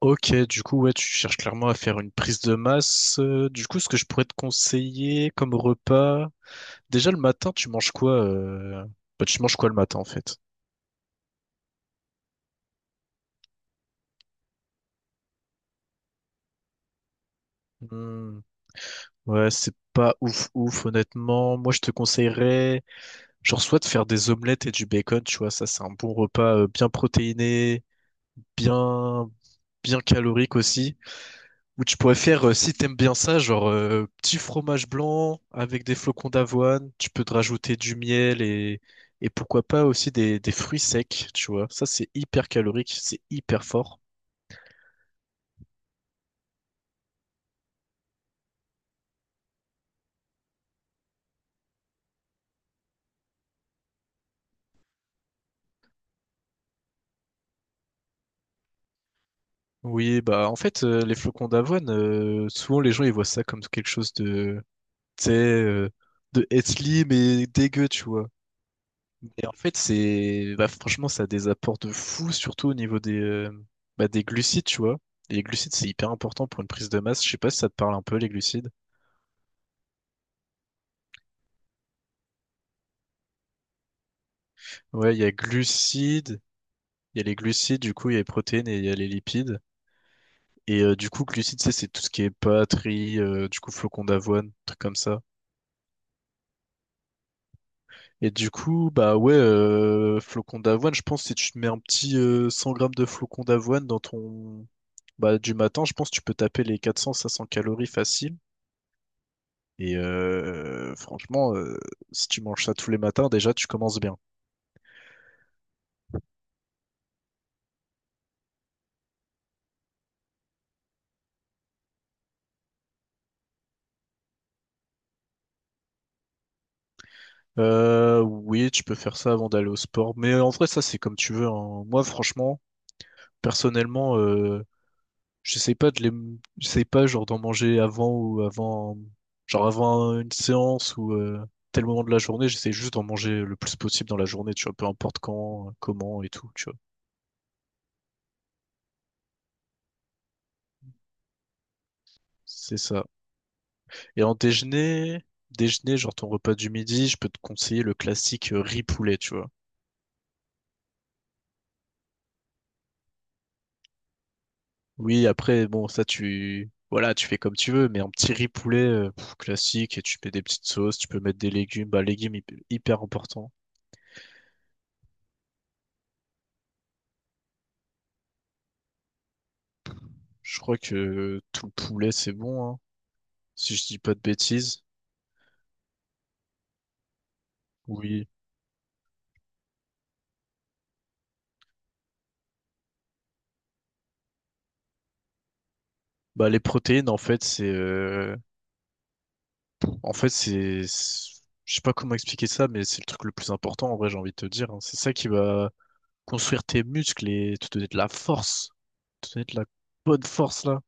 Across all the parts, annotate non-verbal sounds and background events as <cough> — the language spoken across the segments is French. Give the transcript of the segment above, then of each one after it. Ok, du coup, ouais, tu cherches clairement à faire une prise de masse. Du coup, ce que je pourrais te conseiller comme repas, déjà le matin, tu manges quoi bah, tu manges quoi le matin en fait? Hmm. Ouais, c'est pas ouf ouf, honnêtement. Moi, je te conseillerais, genre, soit de faire des omelettes et du bacon, tu vois, ça, c'est un bon repas bien protéiné, bien, bien calorique aussi. Ou tu pourrais faire, si t'aimes bien ça, genre petit fromage blanc avec des flocons d'avoine. Tu peux te rajouter du miel et pourquoi pas aussi des fruits secs, tu vois. Ça, c'est hyper calorique, c'est hyper fort. Oui, bah en fait, les flocons d'avoine, souvent les gens ils voient ça comme quelque chose de, tu sais, de healthy mais dégueu, tu vois. Et en fait, c'est bah, franchement, ça a des apports de fou, surtout au niveau des, bah, des glucides, tu vois. Les glucides, c'est hyper important pour une prise de masse. Je sais pas si ça te parle un peu, les glucides. Ouais, il y a glucides, il y a les glucides, du coup, il y a les protéines et il y a les lipides. Et du coup, glucides, c'est tout ce qui est pâtes, riz, du coup, flocons d'avoine, trucs comme ça. Et du coup, bah ouais, flocons d'avoine, je pense que si tu te mets un petit 100 grammes de flocons d'avoine dans ton... Bah, du matin, je pense que tu peux taper les 400 à 500 calories faciles. Et franchement, si tu manges ça tous les matins, déjà, tu commences bien. Oui, tu peux faire ça avant d'aller au sport. Mais en vrai, ça, c'est comme tu veux, hein. Moi, franchement, personnellement, j'essaie pas de les, j'essaie pas genre d'en manger avant, genre avant une séance ou tel moment de la journée. J'essaie juste d'en manger le plus possible dans la journée, tu vois, peu importe quand, comment et tout, tu vois. C'est ça. Et en déjeuner, genre ton repas du midi, je peux te conseiller le classique riz poulet, tu vois. Oui, après, bon, ça, tu, voilà, tu fais comme tu veux, mais un petit riz poulet pff, classique et tu mets des petites sauces, tu peux mettre des légumes, bah, légumes hyper important. Je crois que tout le poulet, c'est bon, hein, si je dis pas de bêtises. Oui. Bah, les protéines, en fait, c'est, en fait, c'est, c'est- je sais pas comment expliquer ça, mais c'est le truc le plus important, en vrai, j'ai envie de te dire, hein. C'est ça qui va construire tes muscles et te donner de la force, te donner de la bonne force là.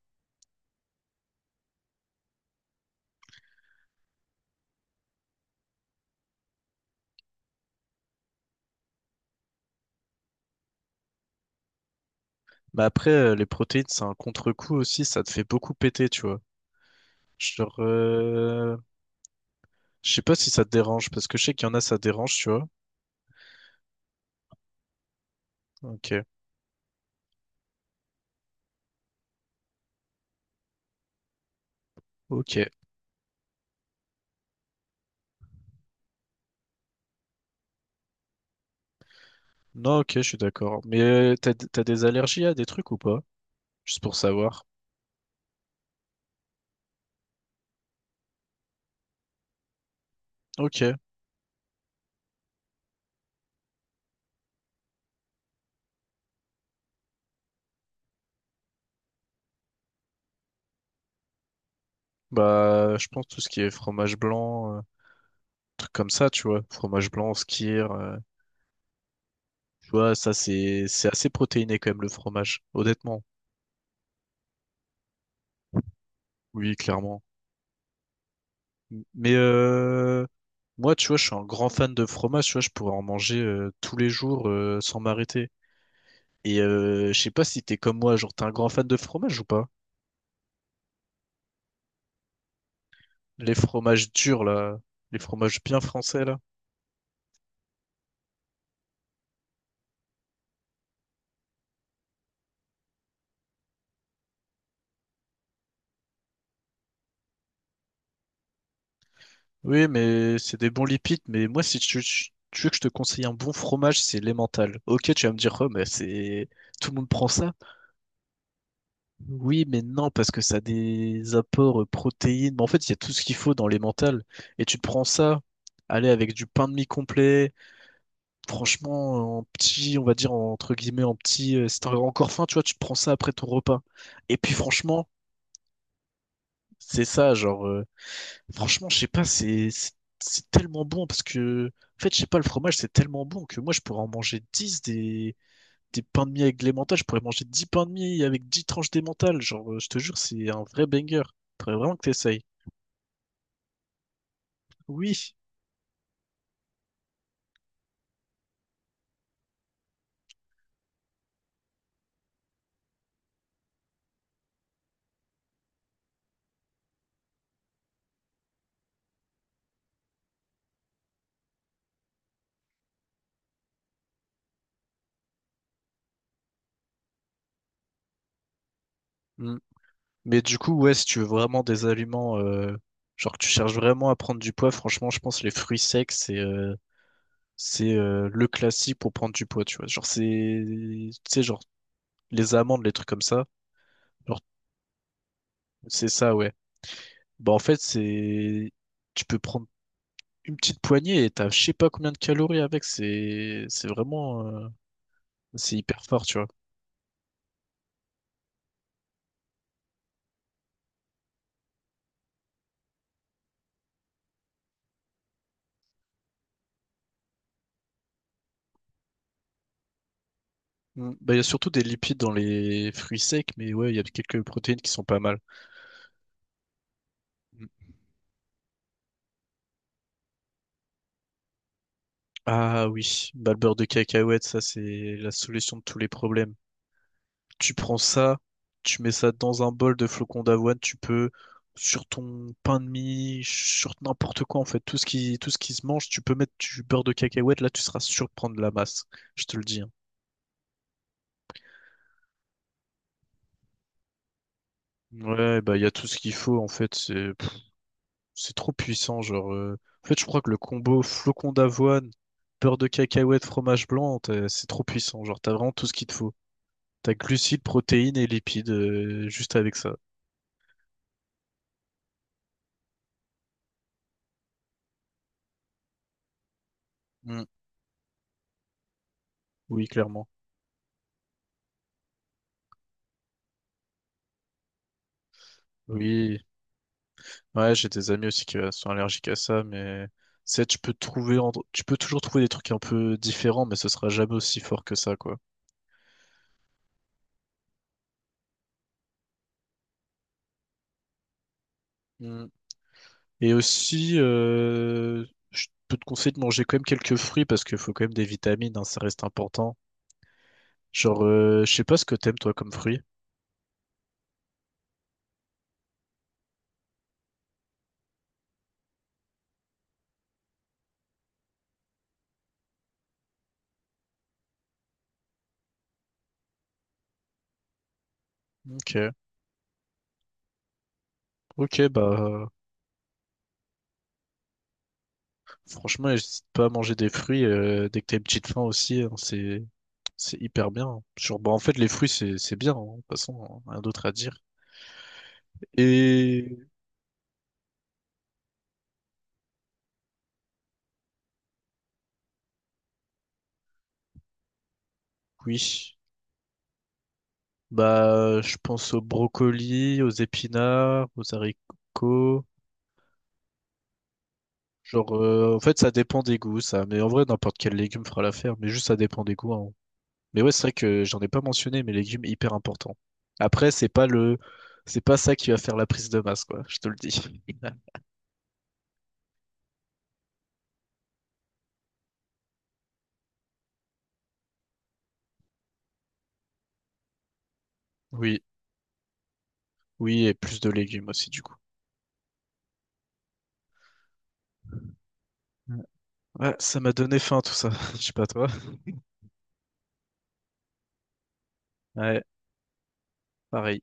Mais après, les protéines, c'est un contre-coup aussi, ça te fait beaucoup péter, tu vois. Genre, je sais pas si ça te dérange, parce que je sais qu'il y en a, ça dérange, tu vois. Ok, ok. Non, ok, je suis d'accord. Mais t'as des allergies à des trucs ou pas? Juste pour savoir. Ok, bah, je pense tout ce qui est fromage blanc, trucs comme ça, tu vois. Fromage blanc, skyr, tu vois, ça, c'est assez protéiné quand même, le fromage, honnêtement. Oui, clairement. Mais moi, tu vois, je suis un grand fan de fromage, tu vois, je pourrais en manger tous les jours sans m'arrêter. Et je sais pas si t'es comme moi, genre t'es un grand fan de fromage ou pas? Les fromages durs là, les fromages bien français là. Oui, mais c'est des bons lipides, mais moi si tu veux que je te conseille un bon fromage, c'est l'emmental. Ok, tu vas me dire, oh, mais c'est tout le monde prend ça. Oui, mais non, parce que ça a des apports protéines. Mais en fait, il y a tout ce qu'il faut dans les mentales. Et tu te prends ça, allez, avec du pain de mie complet, franchement, en petit, on va dire, entre guillemets, en petit, si t'as encore faim, tu vois, tu te prends ça après ton repas. Et puis, franchement, c'est ça, genre, franchement, je sais pas, c'est tellement bon parce que, en fait, je sais pas, le fromage, c'est tellement bon que moi, je pourrais en manger 10 des pains de mie avec de l'emmental, je pourrais manger 10 pains de mie avec 10 tranches d'emmental. Genre, je te jure, c'est un vrai banger. Faudrait vraiment que t'essayes. Oui. Mm. Mais du coup, ouais, si tu veux vraiment des aliments, genre que tu cherches vraiment à prendre du poids, franchement, je pense que les fruits secs, c'est le classique pour prendre du poids, tu vois. Genre, c'est, tu sais, genre, les amandes, les trucs comme ça. Genre, c'est ça, ouais. Bah, en fait, c'est, tu peux prendre une petite poignée et t'as je sais pas combien de calories avec. C'est vraiment, c'est hyper fort, tu vois. Mm. Bah, il y a surtout des lipides dans les fruits secs, mais ouais, il y a quelques protéines qui sont pas mal. Mm. Ah oui, bah, le beurre de cacahuète, ça c'est la solution de tous les problèmes. Tu prends ça, tu mets ça dans un bol de flocons d'avoine, tu peux sur ton pain de mie, sur n'importe quoi en fait, tout ce qui se mange, tu peux mettre du beurre de cacahuète, là tu seras sûr de prendre de la masse. Je te le dis, hein. Ouais, bah il y a tout ce qu'il faut en fait, c'est trop puissant, genre, en fait, je crois que le combo flocon d'avoine, beurre de cacahuète, fromage blanc, c'est trop puissant. Genre, t'as vraiment tout ce qu'il te faut. T'as glucides, protéines et lipides juste avec ça. Mm. Oui, clairement. Oui. Ouais, j'ai des amis aussi qui sont allergiques à ça, mais c'est tu peux toujours trouver des trucs un peu différents, mais ce sera jamais aussi fort que ça, quoi. Mm. Et aussi, je peux te conseiller de manger quand même quelques fruits parce qu'il faut quand même des vitamines, hein, ça reste important. Genre, je sais pas ce que t'aimes toi comme fruit. Ok, ok, bah franchement, n'hésite pas à manger des fruits dès que t'as une petite faim aussi, hein, c'est hyper bien, hein. Genre, bah en fait, les fruits c'est bien, hein, de toute façon, hein, rien d'autre à dire. Et oui, bah je pense aux brocolis, aux épinards, aux haricots. Genre, en fait, ça dépend des goûts, ça. Mais en vrai, n'importe quel légume fera l'affaire. Mais juste, ça dépend des goûts, hein. Mais ouais, c'est vrai que j'en ai pas mentionné, mais légumes hyper important. Après, c'est pas ça qui va faire la prise de masse, quoi. Je te le dis. <laughs> Oui, oui, et plus de légumes aussi, du coup. Ouais, ça m'a donné faim tout ça. <laughs> Je sais pas toi. Ouais, pareil.